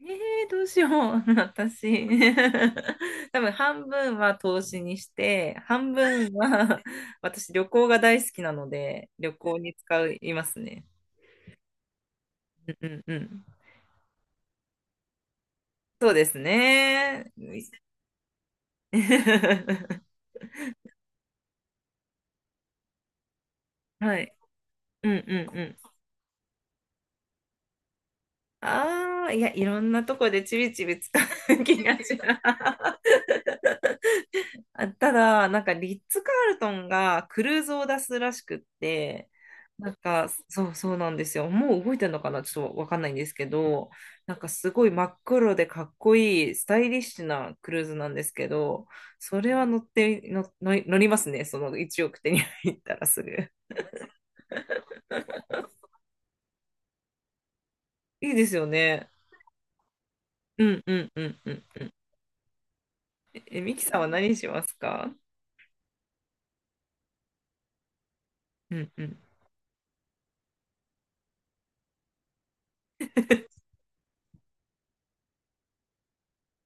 ええどうしよう、私。多分半分は投資にして、半分は 私旅行が大好きなので、旅行に使いますね。うんうんうん。そうですね。はい。うんうんうん。ああ、いや、いろんなとこでちびちび使う気がします。あ、ただ、なんかリッツ・カールトンがクルーズを出すらしくって、なんかそうそうなんですよ。もう動いてるのかなちょっとわかんないんですけど、なんかすごい真っ黒でかっこいいスタイリッシュなクルーズなんですけど、それは乗っての乗り乗りますね。その1億手に入ったらすぐ。いいですよね。うんうんうんうん。え、ミキさんは何しますか？うんうん。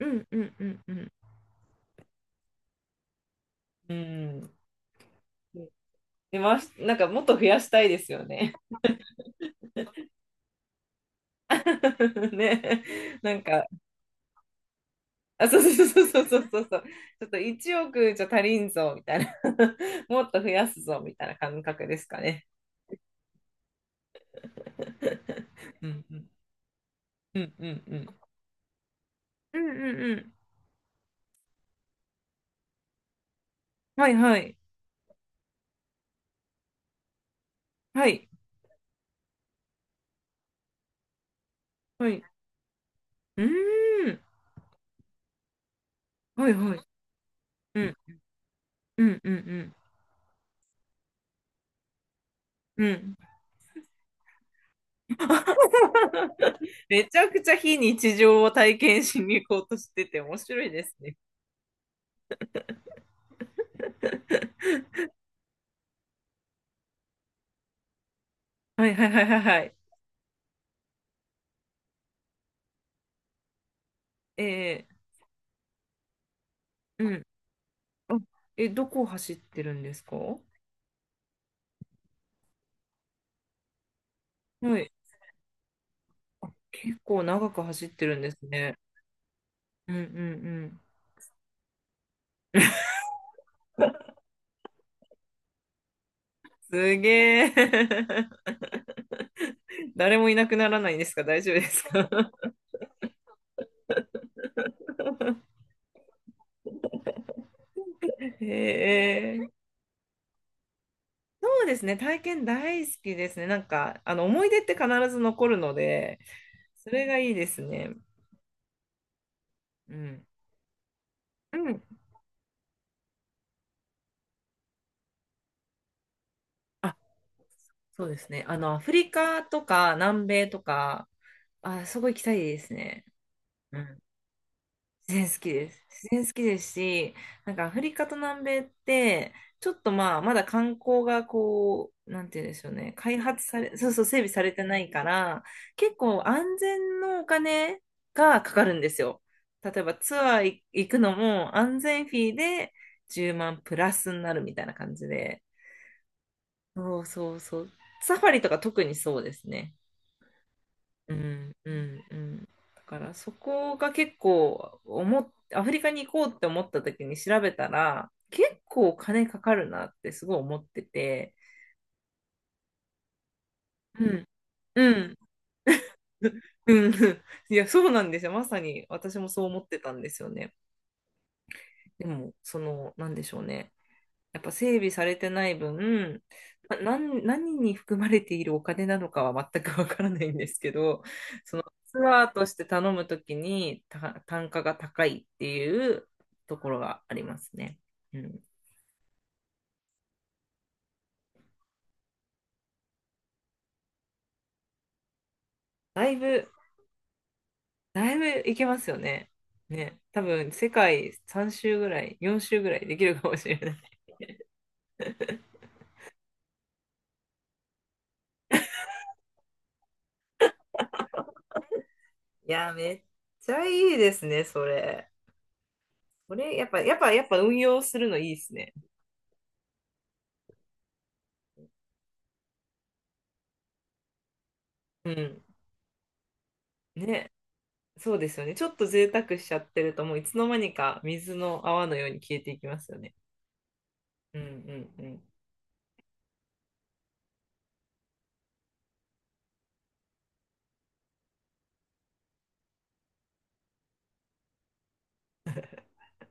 うんうんうんうん。うん。で、なんかもっと増やしたいですよね。ね、なんか、あ、そうそうそうそうそうそうそう、ちょっと1億じゃ足りんぞみたいな、もっと増やすぞみたいな感覚ですかね。うんうんうんうんうん。うんうんうん。はいはい。はい。はい。うーん。はいはい。うんうんうんうん。うん。めちゃくちゃ非日常を体験しに行こうとしてて面白いですね。はいはいはいはいはい。えー、うん。あ、え、どこを走ってるんですか？はい。結構長く走ってるんですね。うんうんうん。すげえ。誰もいなくならないんですか？大丈夫ですか？ へえ。そうですね。体験大好きですね。なんか、思い出って必ず残るので、それがいいですね。うん。うん。あ、そうですね。アフリカとか南米とか、あ、すごい行きたいですね。うん。自然好きです。自然好きですし、なんかアフリカと南米って、ちょっとまあ、まだ観光がこう、なんて言うんでしょうね、開発され、そうそう、整備されてないから、結構安全のお金がかかるんですよ。例えばツアー行くのも安全フィーで10万プラスになるみたいな感じで。そうそうそう。サファリとか特にそうですね。うんうんうん。だからそこが結構思っアフリカに行こうって思った時に調べたら、結構お金かかるなってすごい思ってて、うんうんうんうん、いや、そうなんですよ。まさに私もそう思ってたんですよね。でも、そのなんでしょうね、やっぱ整備されてない分、何に含まれているお金なのかは全くわからないんですけど、そのツアーとして頼むときに単価が高いっていうところがありますね。うん。だいぶ、だいぶいけますよね。ね。多分世界3周ぐらい、4周ぐらいできるかもしれない。いや、めっちゃいいですね、それ。これ、やっぱ運用するのいいですね。うん。ね。そうですよね。ちょっと贅沢しちゃってると、もういつの間にか水の泡のように消えていきますよね。うんうんうん。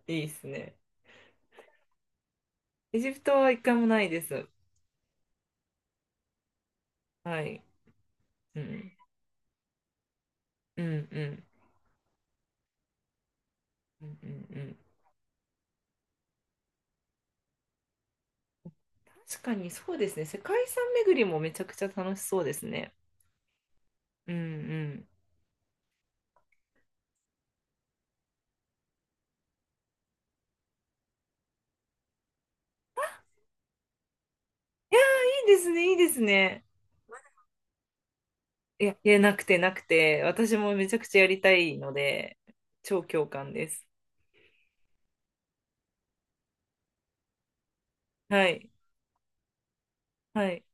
いいですね。エジプトは一回もないです。はい。うん。うんうんうんうんうん。確かにそうですね。世界遺産巡りもめちゃくちゃ楽しそうですね。うんうん。いいですね、いいですね。いや、いや、なくてなくて、私もめちゃくちゃやりたいので、超共感です。はい。はい。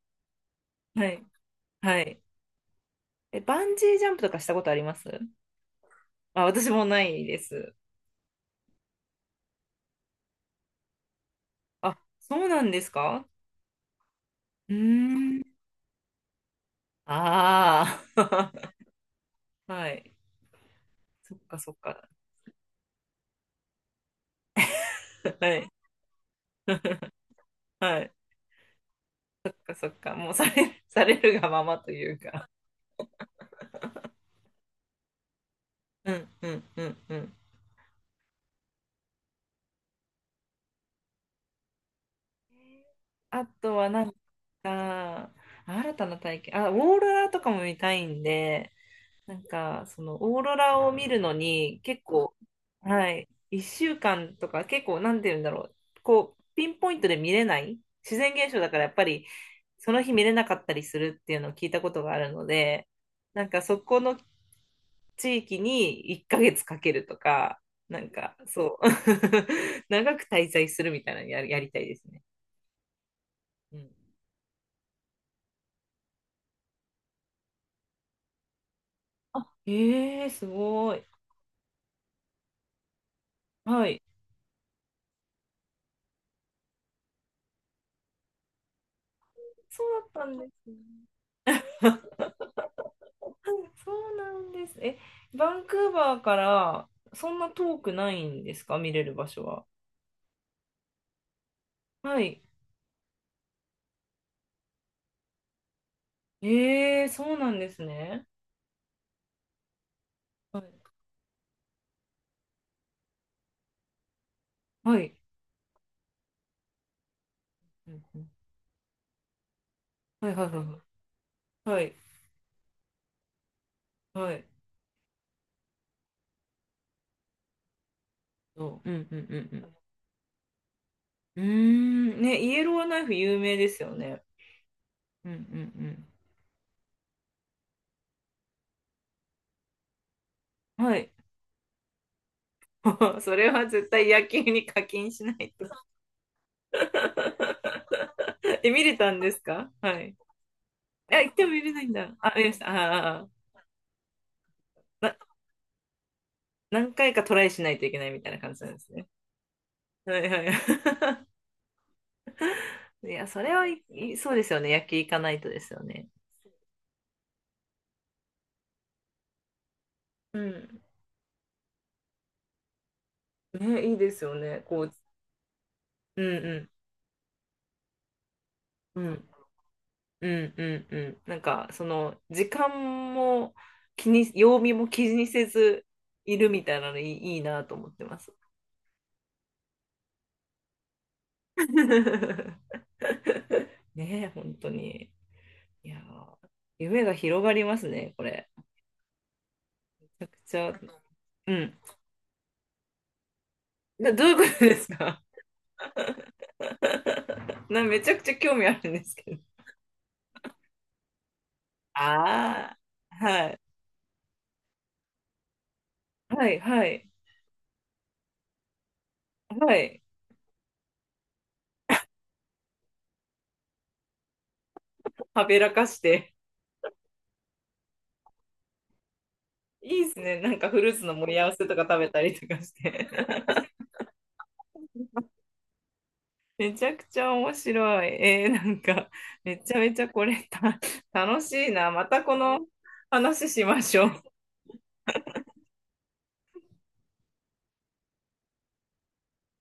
はい。はい。え、バンジージャンプとかしたことあります？あ、私もないです。あ、そうなんですか？うーん。ああ。はい。そっかそっか。はい。はい。そっかそっか。もうされるがままというか。うんうんうんうん。あとはなんか、新たな体験。あ、オーロラとかも見たいんで、なんか、そのオーロラを見るのに結構、はい。1週間とか結構、なんて言うんだろう。こう、ピンポイントで見れない自然現象だからやっぱり、その日見れなかったりするっていうのを聞いたことがあるので、なんかそこの地域に1ヶ月かけるとか、なんかそう、長く滞在するみたいなのやりたいですね。うん。あ、ええすごい。はい。そうだったんですね。そうそうなんです。え、バンクーバーからそんな遠くないんですか？見れる場所は。はい。ええ、そうなんですね。はい。はい。うんうん、はいはいはいはい。はい。はい。うんうんうんうん。うーん、ね、イエローナイフ有名ですよね。うんうんうん。はい。それは絶対野球に課金しないと。え、見れたんですか？はい。あ、行っても見れないんだ。あ、見ました。ああ、な、何回かトライしないといけないみたいな感じなんですね。はいはい。いや、それはいい、そうですよね。野球行かないとですよね。うん。ね、いいですよね。こう、うんうん。うんうんうん。なんか、その、時間も気に、曜日も気にせずいるみたいなのいいなと思ってます。ねえ、本当に。いやー、夢が広がりますね、これ。めちゃくちゃ、うん。どういうことですか？ めちゃくちゃ興味あるんですけど。ああ、はい。はい、はい、はい。はべらかして。いいですね。なんかフルーツの盛り合わせとか食べたりとかして。めちゃくちゃ面白い。なんか、めちゃめちゃこれた、楽しいな。またこの話しましょう。